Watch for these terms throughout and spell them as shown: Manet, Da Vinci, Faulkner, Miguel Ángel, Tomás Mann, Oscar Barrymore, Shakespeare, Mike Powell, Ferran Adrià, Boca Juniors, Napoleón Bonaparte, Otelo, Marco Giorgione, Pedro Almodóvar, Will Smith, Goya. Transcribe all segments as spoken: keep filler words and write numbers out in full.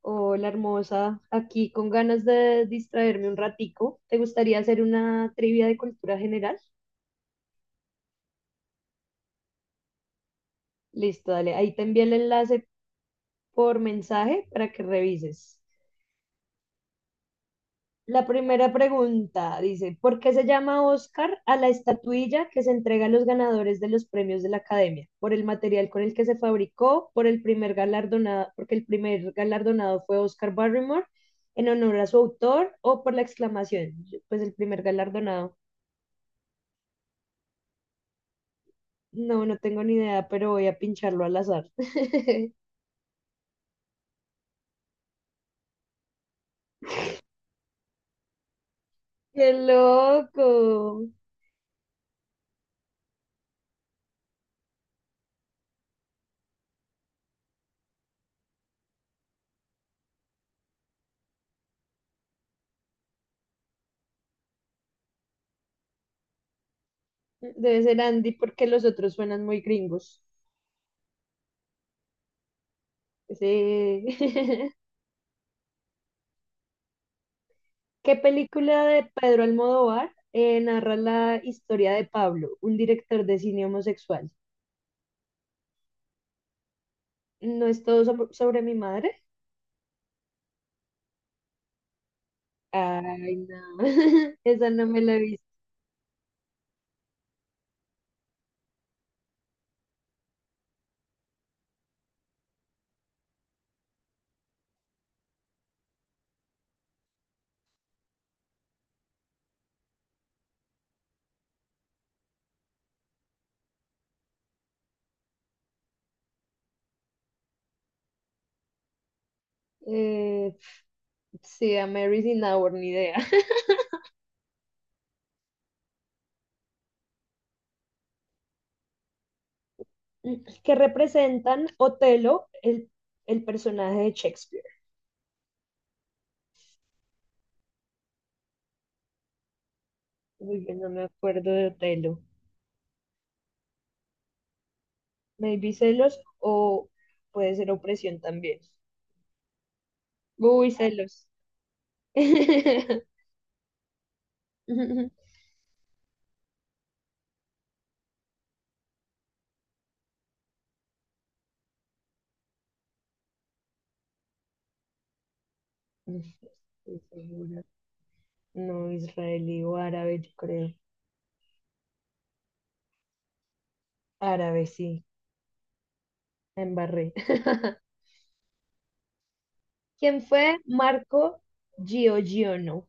Hola, hermosa. Aquí con ganas de distraerme un ratico. ¿Te gustaría hacer una trivia de cultura general? Listo, dale. Ahí te envié el enlace por mensaje para que revises. La primera pregunta dice, ¿por qué se llama Oscar a la estatuilla que se entrega a los ganadores de los premios de la Academia? ¿Por el material con el que se fabricó? ¿Por el primer galardonado? Porque el primer galardonado fue Oscar Barrymore en honor a su autor o por la exclamación, pues el primer galardonado. No, no tengo ni idea, pero voy a pincharlo al azar. ¡Qué loco! Debe ser Andy porque los otros suenan muy gringos. Sí. ¿Qué película de Pedro Almodóvar eh, narra la historia de Pablo, un director de cine homosexual? ¿No es todo sobre, sobre mi madre? Ay, no. Esa no me la he visto. Eh, sí, a Mary's in Our, ni idea. Que representan Otelo, el, el personaje de Shakespeare. Uy, yo no me acuerdo de Otelo. Maybe celos o puede ser opresión también. Uy, celos. No estoy segura. No, israelí o árabe, yo creo. Árabe, sí, la embarré. ¿Quién fue Marco Giorgione?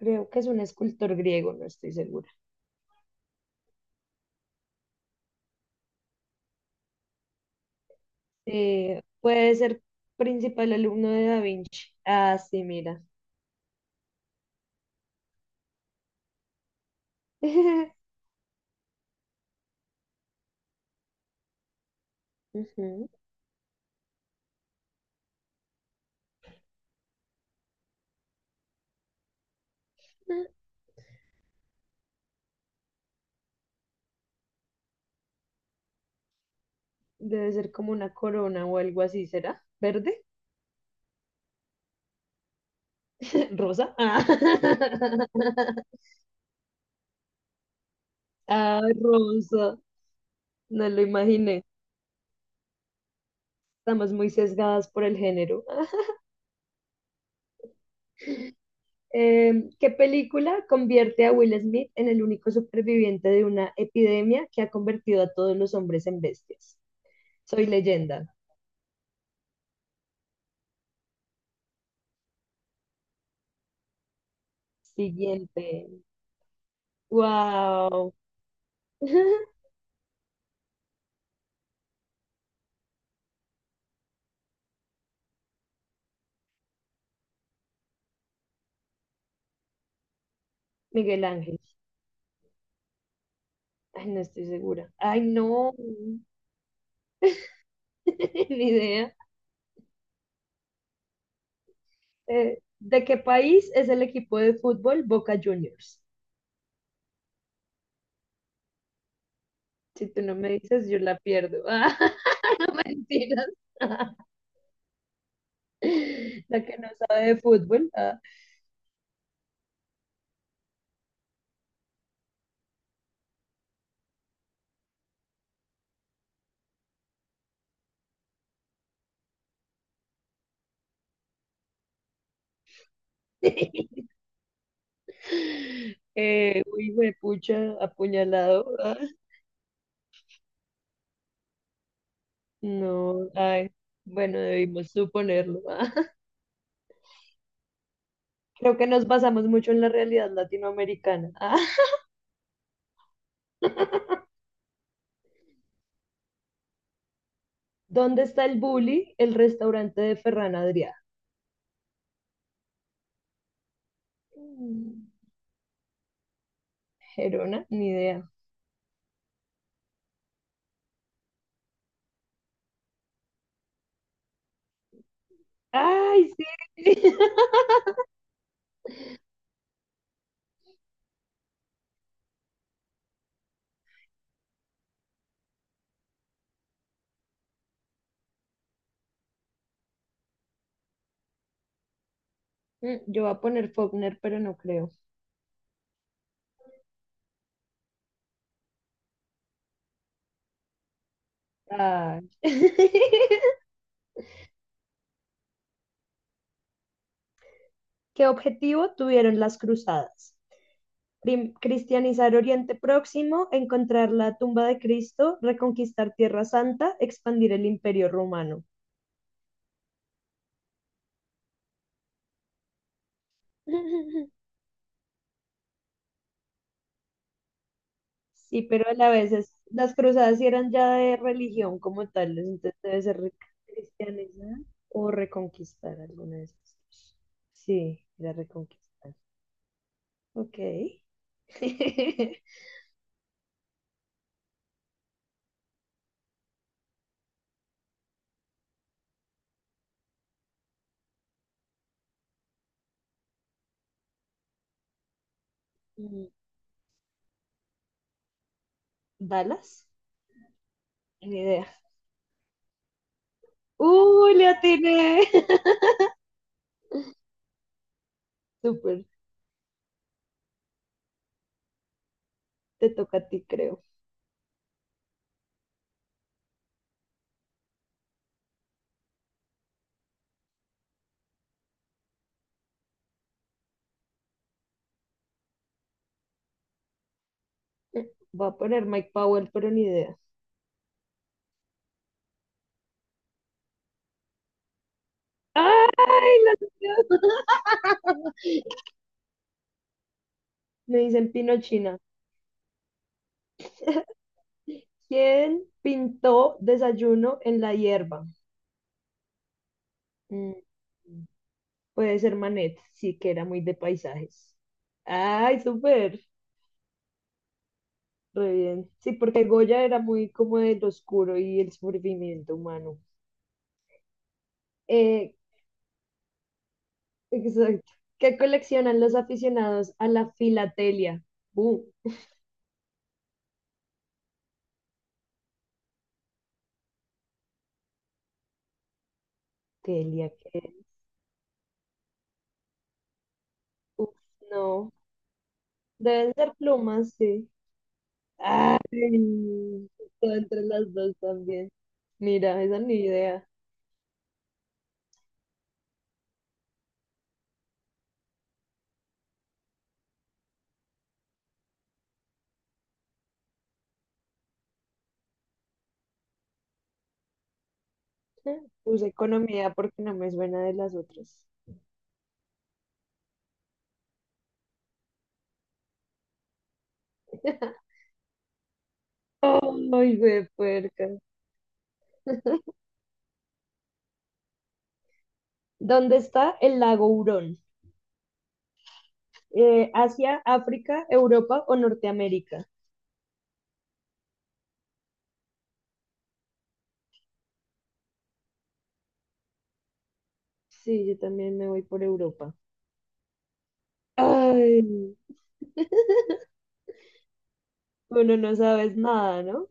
Creo que es un escultor griego, no estoy segura. Sí, puede ser principal alumno de Da Vinci. Ah, sí, mira. Ujú. Debe ser como una corona o algo así, ¿será? ¿Verde? ¿Rosa? Ah, Ah, rosa. No lo imaginé. Estamos muy sesgadas por el género. Eh, ¿qué película convierte a Will Smith en el único superviviente de una epidemia que ha convertido a todos los hombres en bestias? Soy leyenda. Siguiente. Wow. Miguel Ángel. Ay, no estoy segura. Ay, no. Ni idea. Eh, ¿de qué país es el equipo de fútbol Boca Juniors? Si tú no me dices, yo la pierdo. Ah, mentiras. La que no sabe de fútbol. Ah. Eh, uy, pucha, apuñalado. Ah, no, ay, bueno, debimos suponerlo. Ah. Creo que nos basamos mucho en la realidad latinoamericana. Ah. ¿Dónde está el Bully, el restaurante de Ferran Adrià? Mm, Gerona, ni idea. ¡Ay, sí! Mm, yo voy a poner Faulkner, pero no creo. Ay. ¿Qué objetivo tuvieron las cruzadas? Prim- cristianizar Oriente Próximo, encontrar la tumba de Cristo, reconquistar Tierra Santa, expandir el Imperio Romano. Sí, pero a la vez es- las cruzadas sí eran ya de religión como tales, entonces debe ser re- cristianizar o reconquistar alguna de esas dos. Sí, era reconquistar. Ok. Mm, ¿Dallas? Ni idea. ¡Uy, le atiné! Súper, te toca a ti, creo. Voy a poner Mike Powell, pero ni idea. ¡Ay, la me dicen Pinochina. ¿Quién pintó desayuno en la hierba? Mm, puede ser Manet, sí que era muy de paisajes. ¡Ay, súper! Re bien. Sí, porque Goya era muy como del oscuro y el sufrimiento humano. Eh, exacto. ¿Qué coleccionan los aficionados a la filatelia? Uh, telia, ¿qué es? Uf, no. Deben ser plumas, sí. Ay, está entre las dos también. Mira, esa ni idea. Puse economía porque no me suena de las otras. Ay, de puerca. ¿Dónde está el lago Hurón? Eh, ¿Asia, África, Europa o Norteamérica? Sí, yo también me voy por Europa. Ay, bueno, no sabes nada, ¿no?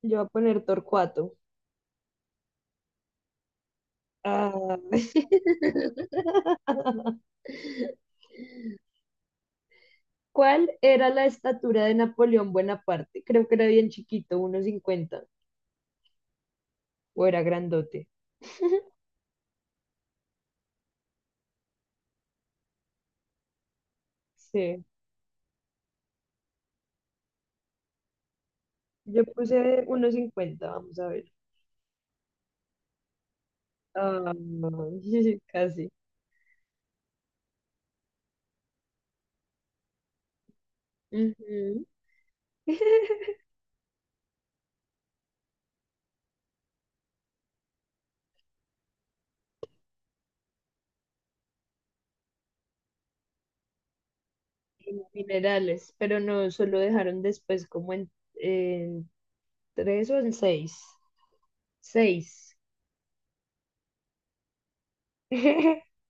Yo voy a poner Torcuato. Ay. ¿Cuál era la estatura de Napoleón Bonaparte? Creo que era bien chiquito, uno cincuenta o era grandote. Sí, yo puse uno cincuenta, vamos a ver. Ah, casi. Ujú. Minerales, pero no, solo dejaron después como en, en tres o en seis. Seis.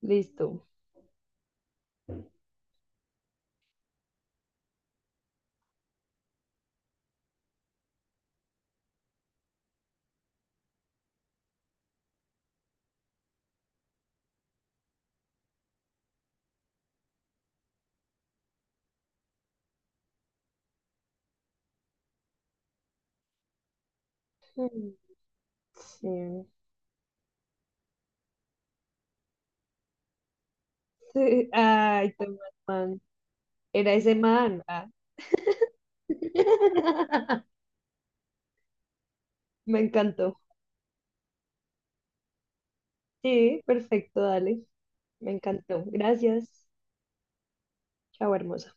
Listo. Mm, sí. Ay, Tomás Mann. Era ese man. Ah. Me encantó. Sí, perfecto, dale. Me encantó. Gracias. Chao, hermosa.